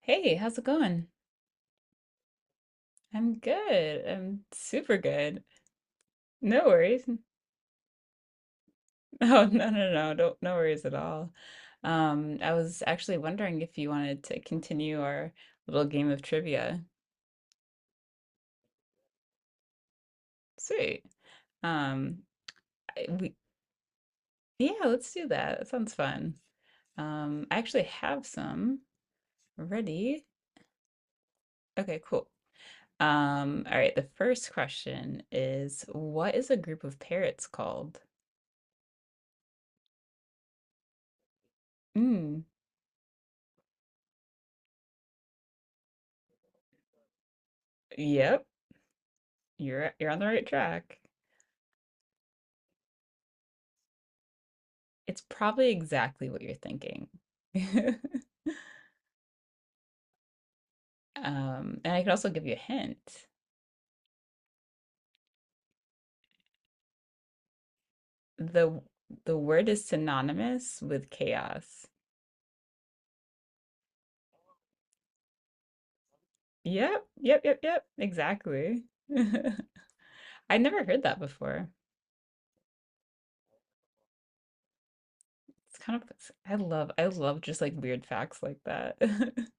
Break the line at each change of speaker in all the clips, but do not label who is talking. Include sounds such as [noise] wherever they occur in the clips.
Hey, how's it going? I'm good. I'm super good. No worries. [laughs] No, no, no, no, don't, no worries at all. I was actually wondering if you wanted to continue our little game of trivia. Sweet. Um, I- we, yeah, let's do that. That sounds fun. I actually have some ready. Okay, cool. All right, the first question is, what is a group of parrots called? Mm, yep. You're on the right track. It's probably exactly what you're thinking. [laughs] And I could also give you a hint. The the word is synonymous with chaos. Yep, yep, yep, yep, exactly. [laughs] I never heard that before. It's kind of it's- I love just like weird facts like that. [laughs]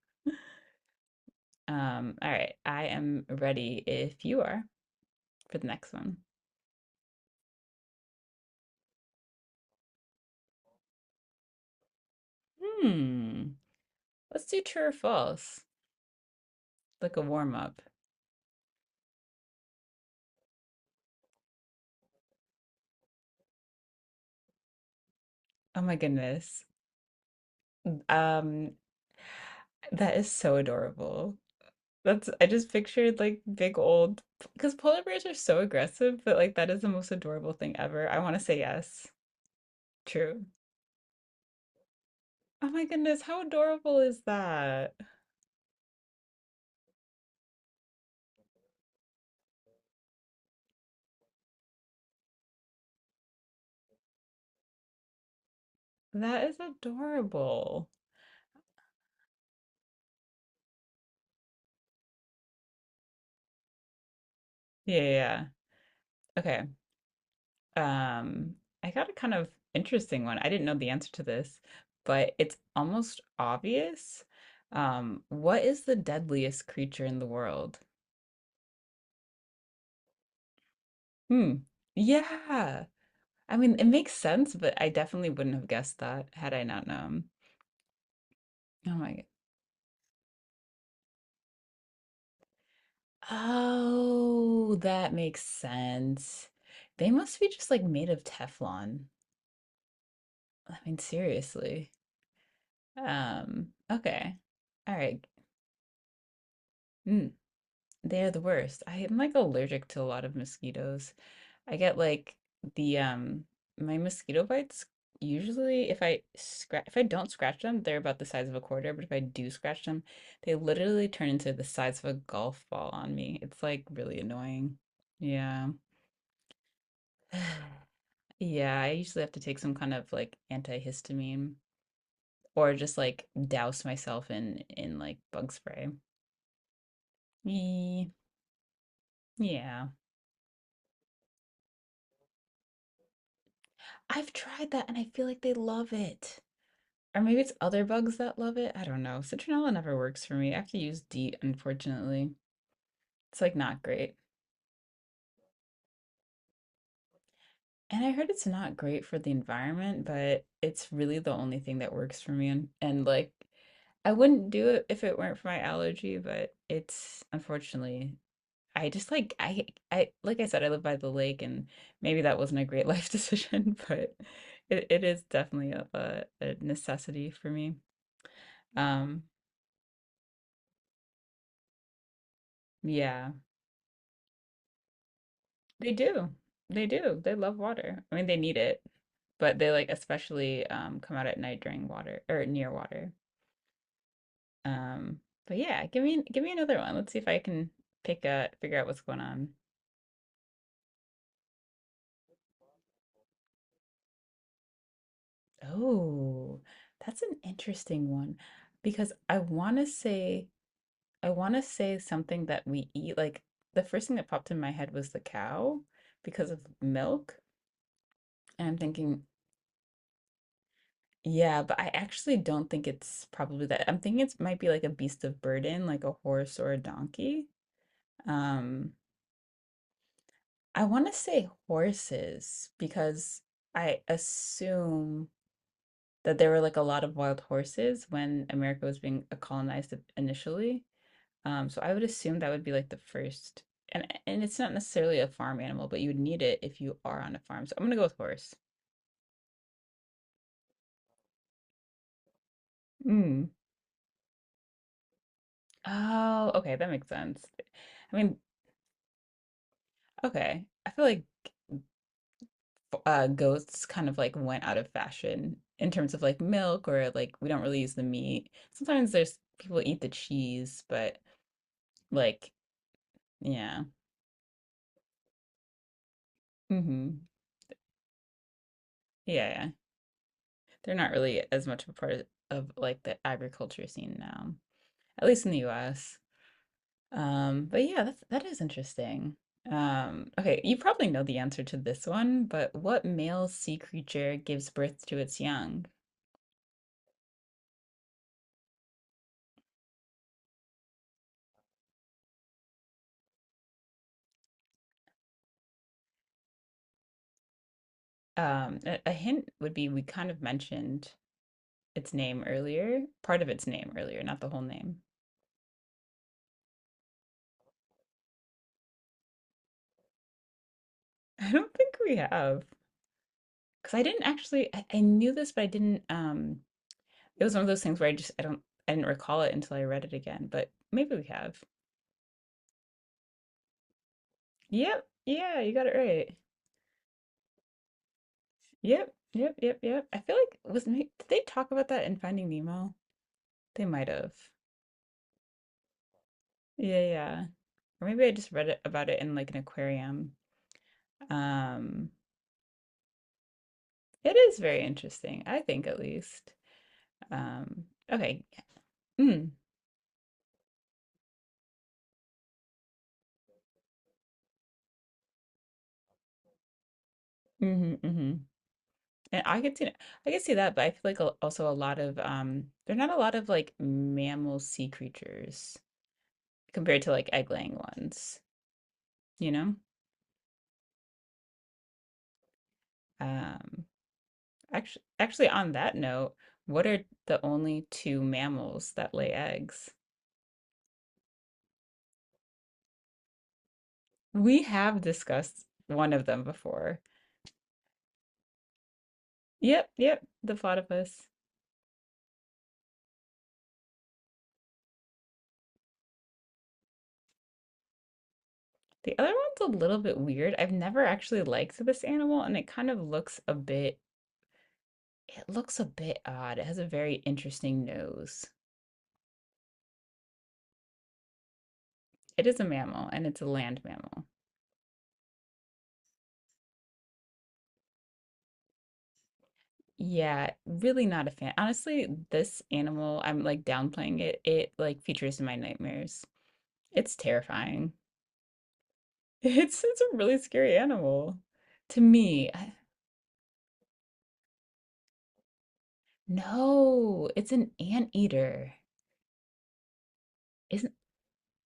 All right, I am ready if you are for the next one. Hmm. Let's do true or false, like a warm up. Oh my goodness. Um, that is so adorable. That's I just pictured like big old because polar bears are so aggressive, but like that is the most adorable thing ever. I want to say yes. True. Oh my goodness, how adorable is that? That is adorable. Yeah, yeah, yeah. Okay. Um, I got a kind of interesting one. I didn't know the answer to this, but it's almost obvious. What is the deadliest creature in the world? Hmm. Yeah. I mean, it makes sense, but I definitely wouldn't have guessed that had I not known. Oh my God. Oh, that makes sense. They must be just like made of Teflon. I mean, seriously. Okay. All right. Mm, they are the worst. I am like allergic to a lot of mosquitoes. I get like the my mosquito bites usually if I scratch if I don't scratch them, they're about the size of a quarter, but if I do scratch them, they literally turn into the size of a golf ball on me. It's like really annoying. Yeah. [sighs] Yeah, I usually have to take some kind of like antihistamine or just like douse myself in like bug spray. Yee. Yeah. I've tried that and I feel like they love it. Or maybe it's other bugs that love it, I don't know. Citronella never works for me. I have to use DEET, unfortunately. It's, like, not great. And I heard it's not great for the environment, but it's really the only thing that works for me, and like, I wouldn't do it if it weren't for my allergy, but it's unfortunately I just, like, I like I said, I live by the lake, and maybe that wasn't a great life [laughs] decision, but it is definitely a necessity for me. Um, yeah. They do. They do. They love water. I mean, they need it, but they like especially come out at night during water or near water. Um, but yeah, give me another one. Let's see if I can pick a figure out what's going on. Oh, that's an interesting one because I want to say something that we eat. Like the first thing that popped in my head was the cow because of milk. And I'm thinking, yeah, but I actually don't think it's probably that. I'm thinking it might be like a beast of burden, like a horse or a donkey. Um, I want to say horses because I assume that there were like a lot of wild horses when America was being colonized initially. So I would assume that would be like the first, and it's not necessarily a farm animal, but you would need it if you are on a farm. So I'm gonna go with horse. Mm. Oh, okay, that makes sense. I mean, okay. I feel like goats kind of like went out of fashion in terms of like milk or like we don't really use the meat. Sometimes there's people eat the cheese, but like yeah, hmm, yeah, yeah. They're not really as much of a part of like the agriculture scene now, at least in the U.S. But yeah, that is interesting. Okay, you probably know the answer to this one, but what male sea creature gives birth to its young? A hint would be we kind of mentioned its name earlier, part of its name earlier, not the whole name. [laughs] I don't think we have. Because I didn't actually, I knew this, but I didn't. It was one of those things where I didn't recall it until I read it again. But maybe we have. Yep. Yeah, you got it right. Yep. Yep. Yep. Yep. I feel like did they talk about that in Finding Nemo? They might have. Yeah. Yeah. Or maybe I just read it about it in like an aquarium. Um, it is very interesting. I think at least. Um, okay. Mm. Mm-hmm, mm-hmm. And I could see that. I could see that, but I feel like also a lot of there are not a lot of like mammal sea creatures compared to like egg-laying ones, you know? Um Actually, actually on that note, what are the only two mammals that lay eggs? We have discussed one of them before. Yep, yep, the platypus. The other one's a little bit weird. I've never actually liked this animal and it kind of looks a bit odd. It has a very interesting nose. It is a mammal and it's a land mammal. Yeah, really not a fan. Honestly, this animal, I'm like downplaying it. It like features in my nightmares. It's terrifying. [laughs] It's a really scary animal to me. No, it's an anteater. Isn't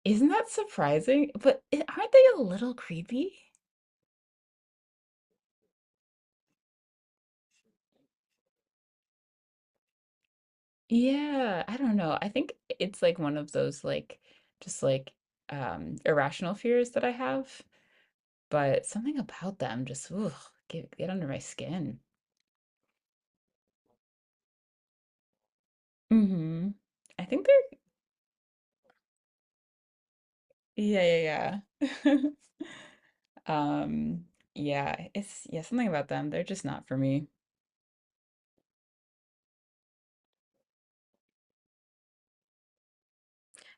isn't that surprising? Aren't they a little creepy? Yeah, I don't know. I think it's like one of those like just like irrational fears that I have. But something about them just, ugh, get under my skin. Mhm. I think they're yeah, yeah, yeah. [laughs] Um, yeah, it's yeah, something about them, they're just not for me.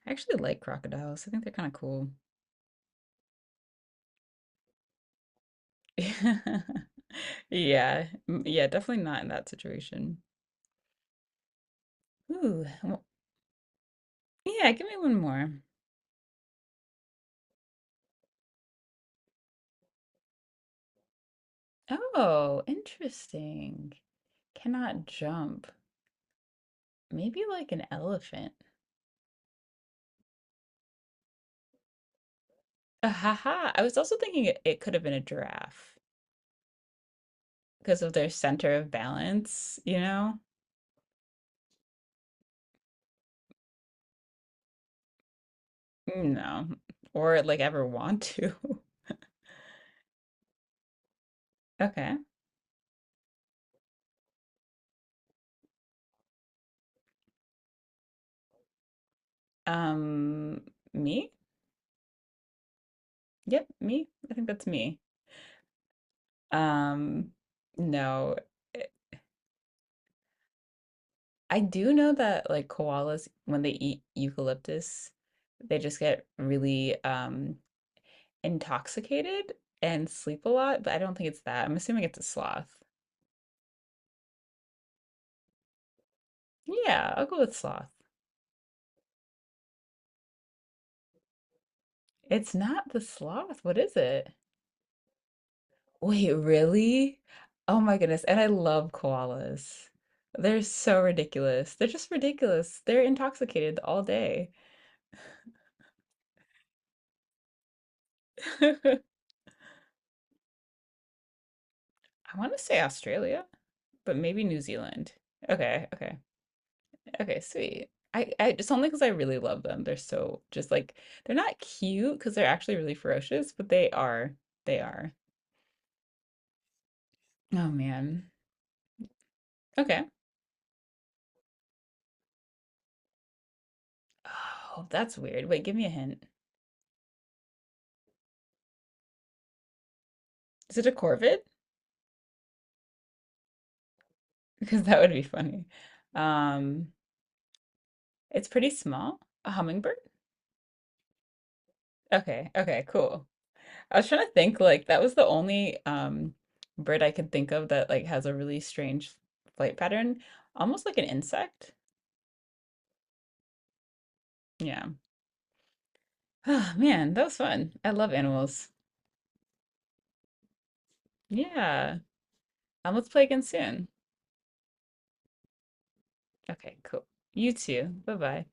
I actually like crocodiles. I think they're kind of cool. [laughs] Yeah. Mm, yeah, definitely not in that situation. Ooh, well, yeah, give me one more. Oh, interesting. Cannot jump. Maybe like an elephant. [laughs] Ah, ha ha. I was also thinking it could have been a giraffe. 'Cause of their center of balance, you know? No, or, like, ever want to. [laughs] Okay. Um, Me? Yep, me. I think that's me. Um, no, eh I do know that, like, koalas, when they eat eucalyptus, they just get really, intoxicated and sleep a lot, but I don't think it's that. I'm assuming it's a sloth. Yeah, I'll go with sloth. It's not the sloth. What is it? Wait, really? Oh my goodness. And I love koalas. They're so ridiculous. They're just ridiculous. They're intoxicated all day. [laughs] I want to say Australia, but maybe New Zealand. Okay, okay, okay, sweet. I it's only because I really love them. They're so just like they're not cute because they're actually really ferocious, but they are. They are. Oh man. Okay. Oh, that's weird. Wait, give me a hint. Is it a corvid? [laughs] Because that would be funny. Um, It's pretty small. A hummingbird? Okay, okay, cool. I was trying to think like that was the only bird I could think of that like has a really strange flight pattern, almost like an insect. Yeah. [sighs] Oh man, that was fun. I love animals. Yeah. Let's play again soon. Okay, cool. You too. Bye-bye.